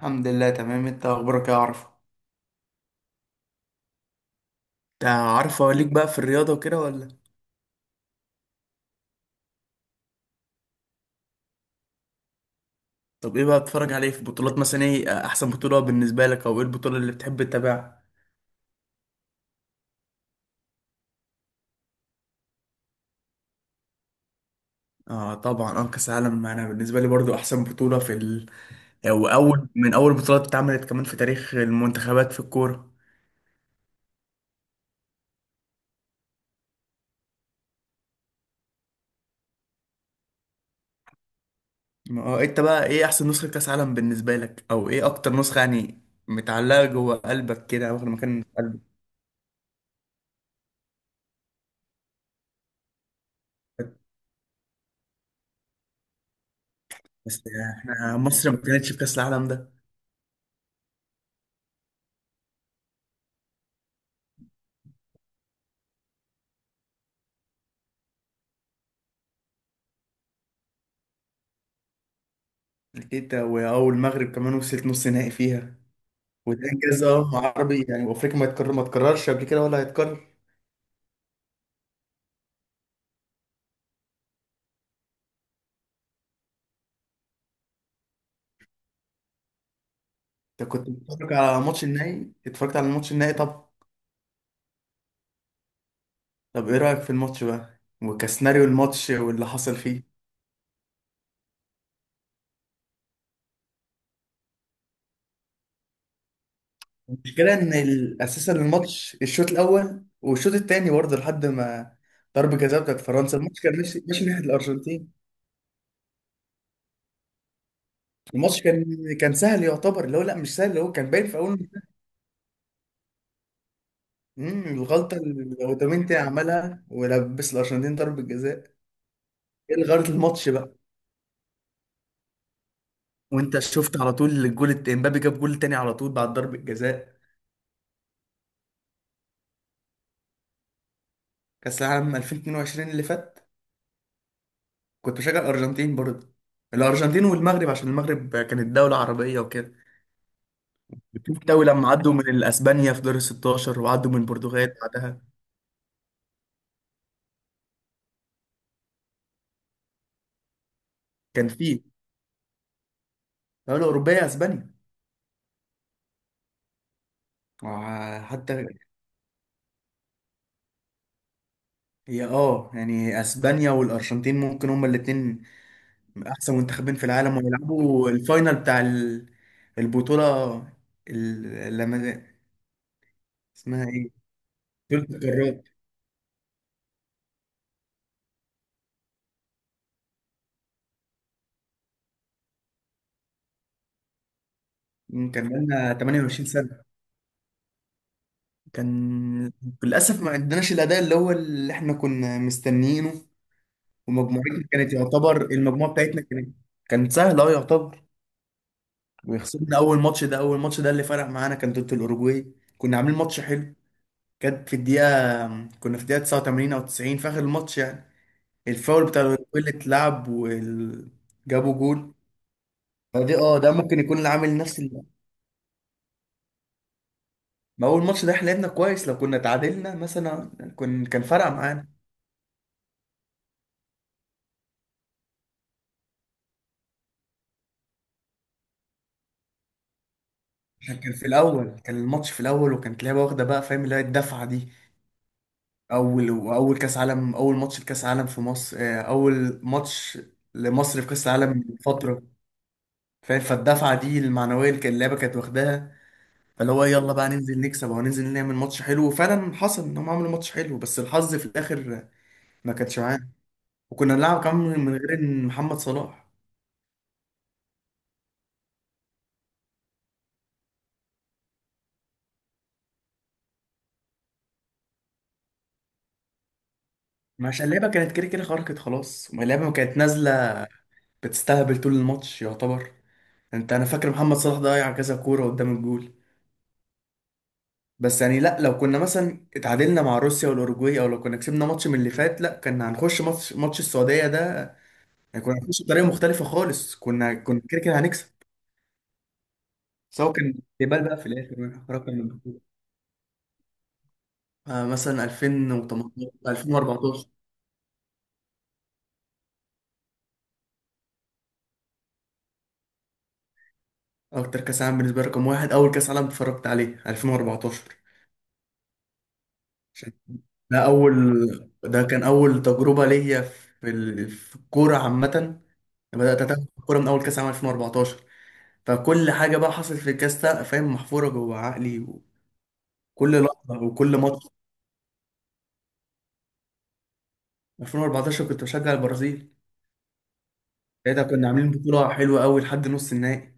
الحمد لله تمام. انت اخبارك ايه يا عرفة؟ انت عارف، هو ليك بقى في الرياضة وكده ولا؟ طب ايه بقى بتتفرج عليه في بطولات؟ مثلا ايه احسن بطولة بالنسبة لك، او ايه البطولة اللي بتحب تتابعها؟ اه طبعا، كاس العالم انا بالنسبة لي برضو احسن بطولة او اول بطولات اتعملت كمان في تاريخ المنتخبات في الكورة. اه انت بقى ايه احسن نسخة كاس عالم بالنسبة لك، او ايه اكتر نسخة يعني متعلقة جوه قلبك كده، واخد مكان في قلبك؟ بس احنا مصر ما كانتش في كاس العالم ده. كده، واول المغرب كمان وصلت نص نهائي فيها، وده انجاز، اه، مع عربي يعني وافريقيا ما تكررش قبل كده ولا هيتكرر. انت كنت بتتفرج على ماتش النهائي؟ اتفرجت على الماتش النهائي؟ طب ايه رايك في الماتش بقى وكسيناريو الماتش واللي حصل فيه؟ المشكله ان اساسا الشوط الاول والشوط الثاني برضه، لحد ما ضربة جزاء بتاعت فرنسا، الماتش كان ماشي ماشي ناحيه الارجنتين. الماتش كان سهل يعتبر، اللي هو لا مش سهل، اللي هو كان باين في اول. الغلطة اللي أوتامينتي عملها ولبس الأرجنتين ضربة جزاء. ايه اللي غيرت الماتش بقى؟ وانت شفت على طول الجول، امبابي جاب جول تاني على طول بعد ضربة جزاء. كأس العالم 2022 اللي فات، كنت بشجع الأرجنتين برضه، الأرجنتين والمغرب، عشان المغرب كانت دولة عربية وكده. التوي لما عدوا من الأسبانيا في دور ال 16، وعدوا من البرتغال بعدها. كان في دولة أوروبية، أسبانيا، حتى. هي، اه يعني اسبانيا والارجنتين ممكن هما الاتنين من احسن منتخبين في العالم، ويلعبوا الفاينل بتاع البطوله. لما اسمها ايه، بطوله القارات. كان لنا 28 سنه. كان للاسف ما عندناش الاداء اللي هو اللي احنا كنا مستنيينه. ومجموعتنا كانت يعتبر، المجموعه بتاعتنا كانت سهله، اه يعتبر. وخسرنا اول ماتش ده اللي فرق معانا، كان ضد الاوروجواي. كنا عاملين ماتش حلو. كانت في الدقيقه كنا في الدقيقه 89 او 90 في اخر الماتش يعني. الفاول بتاع اللي اتلعب وجابوا جول. فدي، اه، ده ممكن يكون اللي عامل نفس اللي. ما هو الماتش ده احنا لعبنا كويس، لو كنا اتعادلنا مثلا كن كان فرق معانا. عشان كان في الاول، كان الماتش في الاول وكانت لعبه واخده بقى، فاهم؟ اللي هي الدفعه دي، اول، واول كاس عالم، اول ماتش لكاس عالم في مصر، آه، اول ماتش لمصر في كاس العالم من فتره، فاهم؟ فالدفعه دي المعنويه اللي كان اللعبه كانت واخداها، فاللي هو يلا بقى ننزل نكسب، او ننزل نعمل ماتش حلو، وفعلا حصل انهم عملوا ماتش حلو، بس الحظ في الاخر ما كانتش معاه. وكنا بنلعب كمان من غير إن محمد صلاح. مش اللعبة كانت كده كده خرجت خلاص؟ ما اللعبة ما كانت نازلة بتستهبل طول الماتش يعتبر. انت، انا فاكر محمد صلاح ضيع كذا كورة قدام الجول. بس يعني لا، لو كنا مثلا اتعادلنا مع روسيا والاوروجواي، او لو كنا كسبنا ماتش من اللي فات، لا كنا هنخش ماتش السعودية ده يعني، كنا هنخش بطريقة مختلفة خالص، كنا كده كده هنكسب. سواء كان ديبال بقى في الاخر، رقم من البطولة. آه، مثلا 2018، 2014. اكتر كاس عالم بالنسبه لي رقم واحد، اول كاس عالم اتفرجت عليه، 2014. عشان ده اول ده كان اول تجربه ليا في في الكوره عامه. أنا بدات اتابع الكوره من اول كاس عالم 2014. فكل حاجه بقى حصلت في الكاس ده، فاهم، محفوره جوه عقلي. وكل لحظه وكل ماتش. 2014 كنت بشجع البرازيل. ساعتها كنا عاملين بطوله حلوه قوي لحد نص النهائي.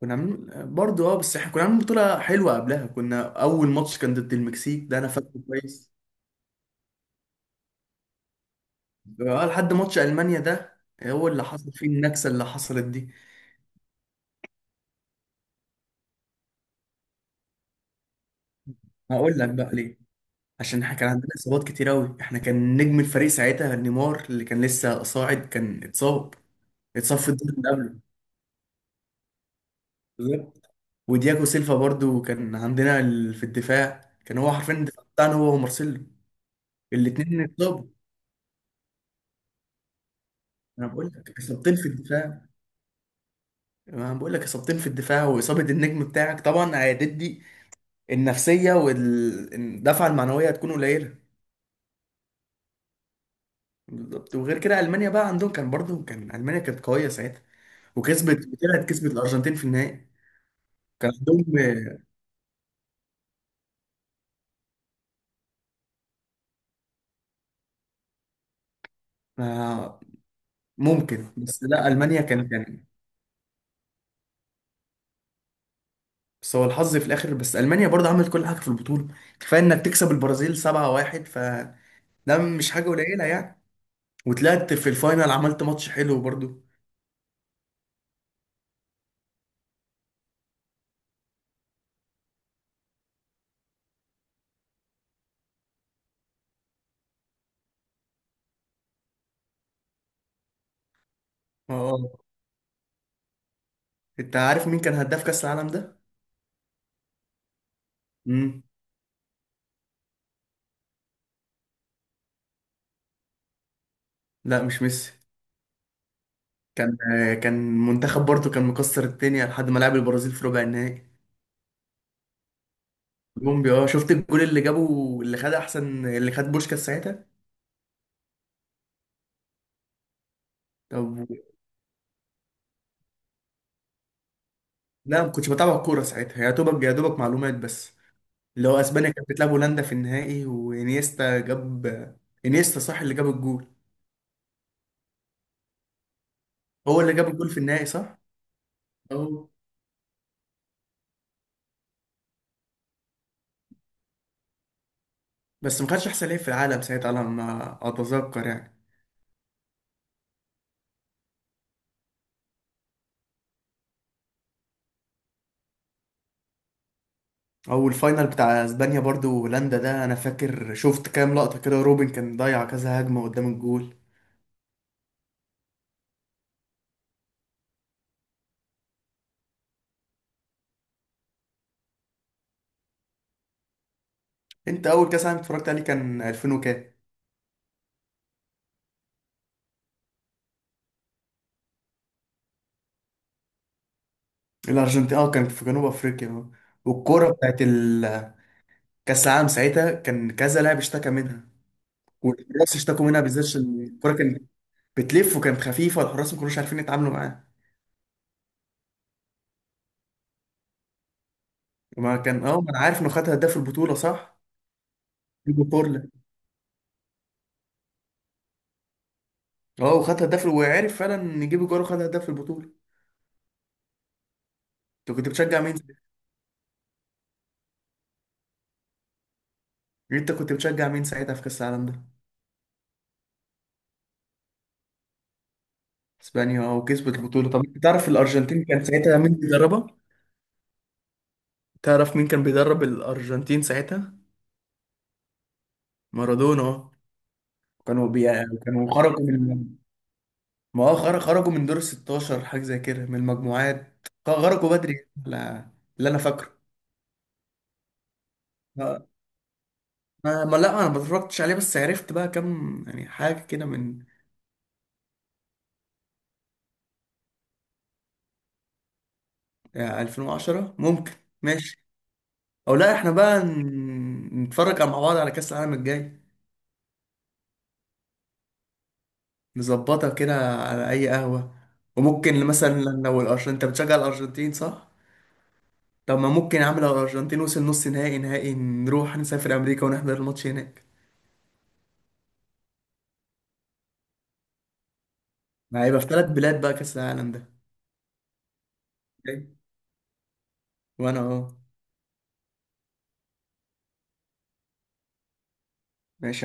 كنا عاملين برضه، اه، بس احنا كنا عاملين بطوله حلوه قبلها، كنا اول ماتش كان ضد المكسيك ده، انا فاكره كويس. اه، لحد ماتش المانيا ده، هو اللي حصل فيه النكسه اللي حصلت دي. هقول لك بقى ليه. عشان احنا كان عندنا اصابات كتير قوي. احنا كان نجم الفريق ساعتها نيمار، اللي كان لسه صاعد، كان اتصاب. اتصاب في الدور اللي قبله، بالظبط. ودياجو سيلفا برضو كان عندنا في الدفاع، كان هو حرفيا الدفاع بتاعنا، هو ومارسيلو. الاثنين اتصابوا. انا بقول لك اصابتين في الدفاع، انا بقول لك اصابتين في الدفاع، واصابه النجم بتاعك طبعا هتدي. النفسيه والدفعه المعنويه هتكون قليله. بالظبط. وغير كده المانيا بقى عندهم، كان برضو كان المانيا كانت قويه ساعتها، وكسبت، طلعت كسبت الارجنتين في النهائي. كان عندهم، آه، ممكن، بس لا المانيا كان. بس هو الحظ في الاخر، بس المانيا برضو عملت كل حاجه في البطوله، كفايه انك تكسب البرازيل 7-1، فده مش حاجه قليله يعني. وطلعت في الفاينل، عملت ماتش حلو برضو. اه، آه. انت عارف مين كان هداف كاس العالم ده؟ امم، لا، مش ميسي. كان، آه، كان منتخب برضو كان مكسر الدنيا لحد ما لعب البرازيل في ربع النهائي. كولومبيا، اه. شفت الجول اللي جابه، اللي خد احسن، اللي خد بوشكاس ساعتها. طب لا، ما كنتش بتابع الكوره ساعتها، يا دوبك، يا دوبك معلومات بس. اللي هو اسبانيا كانت بتلعب هولندا في النهائي، وانيستا جاب. انيستا صح اللي جاب الجول؟ هو اللي جاب الجول في النهائي صح؟ اه، بس ما خدش احسن لعيب في العالم ساعتها على ما اتذكر يعني. او الفاينل بتاع اسبانيا برضو، هولندا ده انا فاكر شفت كام لقطه كده، روبن كان ضيع كذا هجمه قدام الجول. انت اول كاس عالم اتفرجت عليه كان 2000 وكام؟ الارجنتين، اه، كانت في جنوب افريقيا، اه. والكوره بتاعت كاس العالم ساعتها، كان كذا لاعب اشتكى منها، والحراس اشتكوا منها بالذات، عشان الكوره كانت بتلف وكانت خفيفه، والحراس ما كانوش عارفين يتعاملوا معاها. ما كان، اه، ما انا عارف انه خد هداف البطوله صح؟ يجيبوا كورلا. اه، وخد هداف، وعرف فعلا يجيب جول وخد هداف البطوله. انت كنت بتشجع مين؟ انت كنت بتشجع مين ساعتها في كاس العالم ده؟ اسبانيا، اه، وكسبت البطوله. طب انت تعرف الارجنتين كان ساعتها مين بيدربها؟ تعرف مين كان بيدرب الارجنتين ساعتها؟ مارادونا، اه. كانوا بي... كانوا خرجوا من، ما هو خرجوا من دور ال 16، حاجه زي كده، من المجموعات. خرجوا بدري، لا، اللي انا فاكره. ما... لا انا ما اتفرجتش عليه، بس عرفت بقى كام يعني حاجه كده من 2010 ممكن. ماشي. او لا، احنا بقى نتفرج مع بعض على كاس العالم الجاي. نظبطها كده، على اي قهوه. وممكن مثلا لو الارجنتين، انت بتشجع الارجنتين صح؟ طب ما ممكن يا عم، لو الارجنتين وصل نص نهائي، نهائي، نروح نسافر امريكا ونحضر الماتش هناك. ما هيبقى في ثلاث بلاد بقى كأس العالم ده جاي. وانا اهو. ماشي.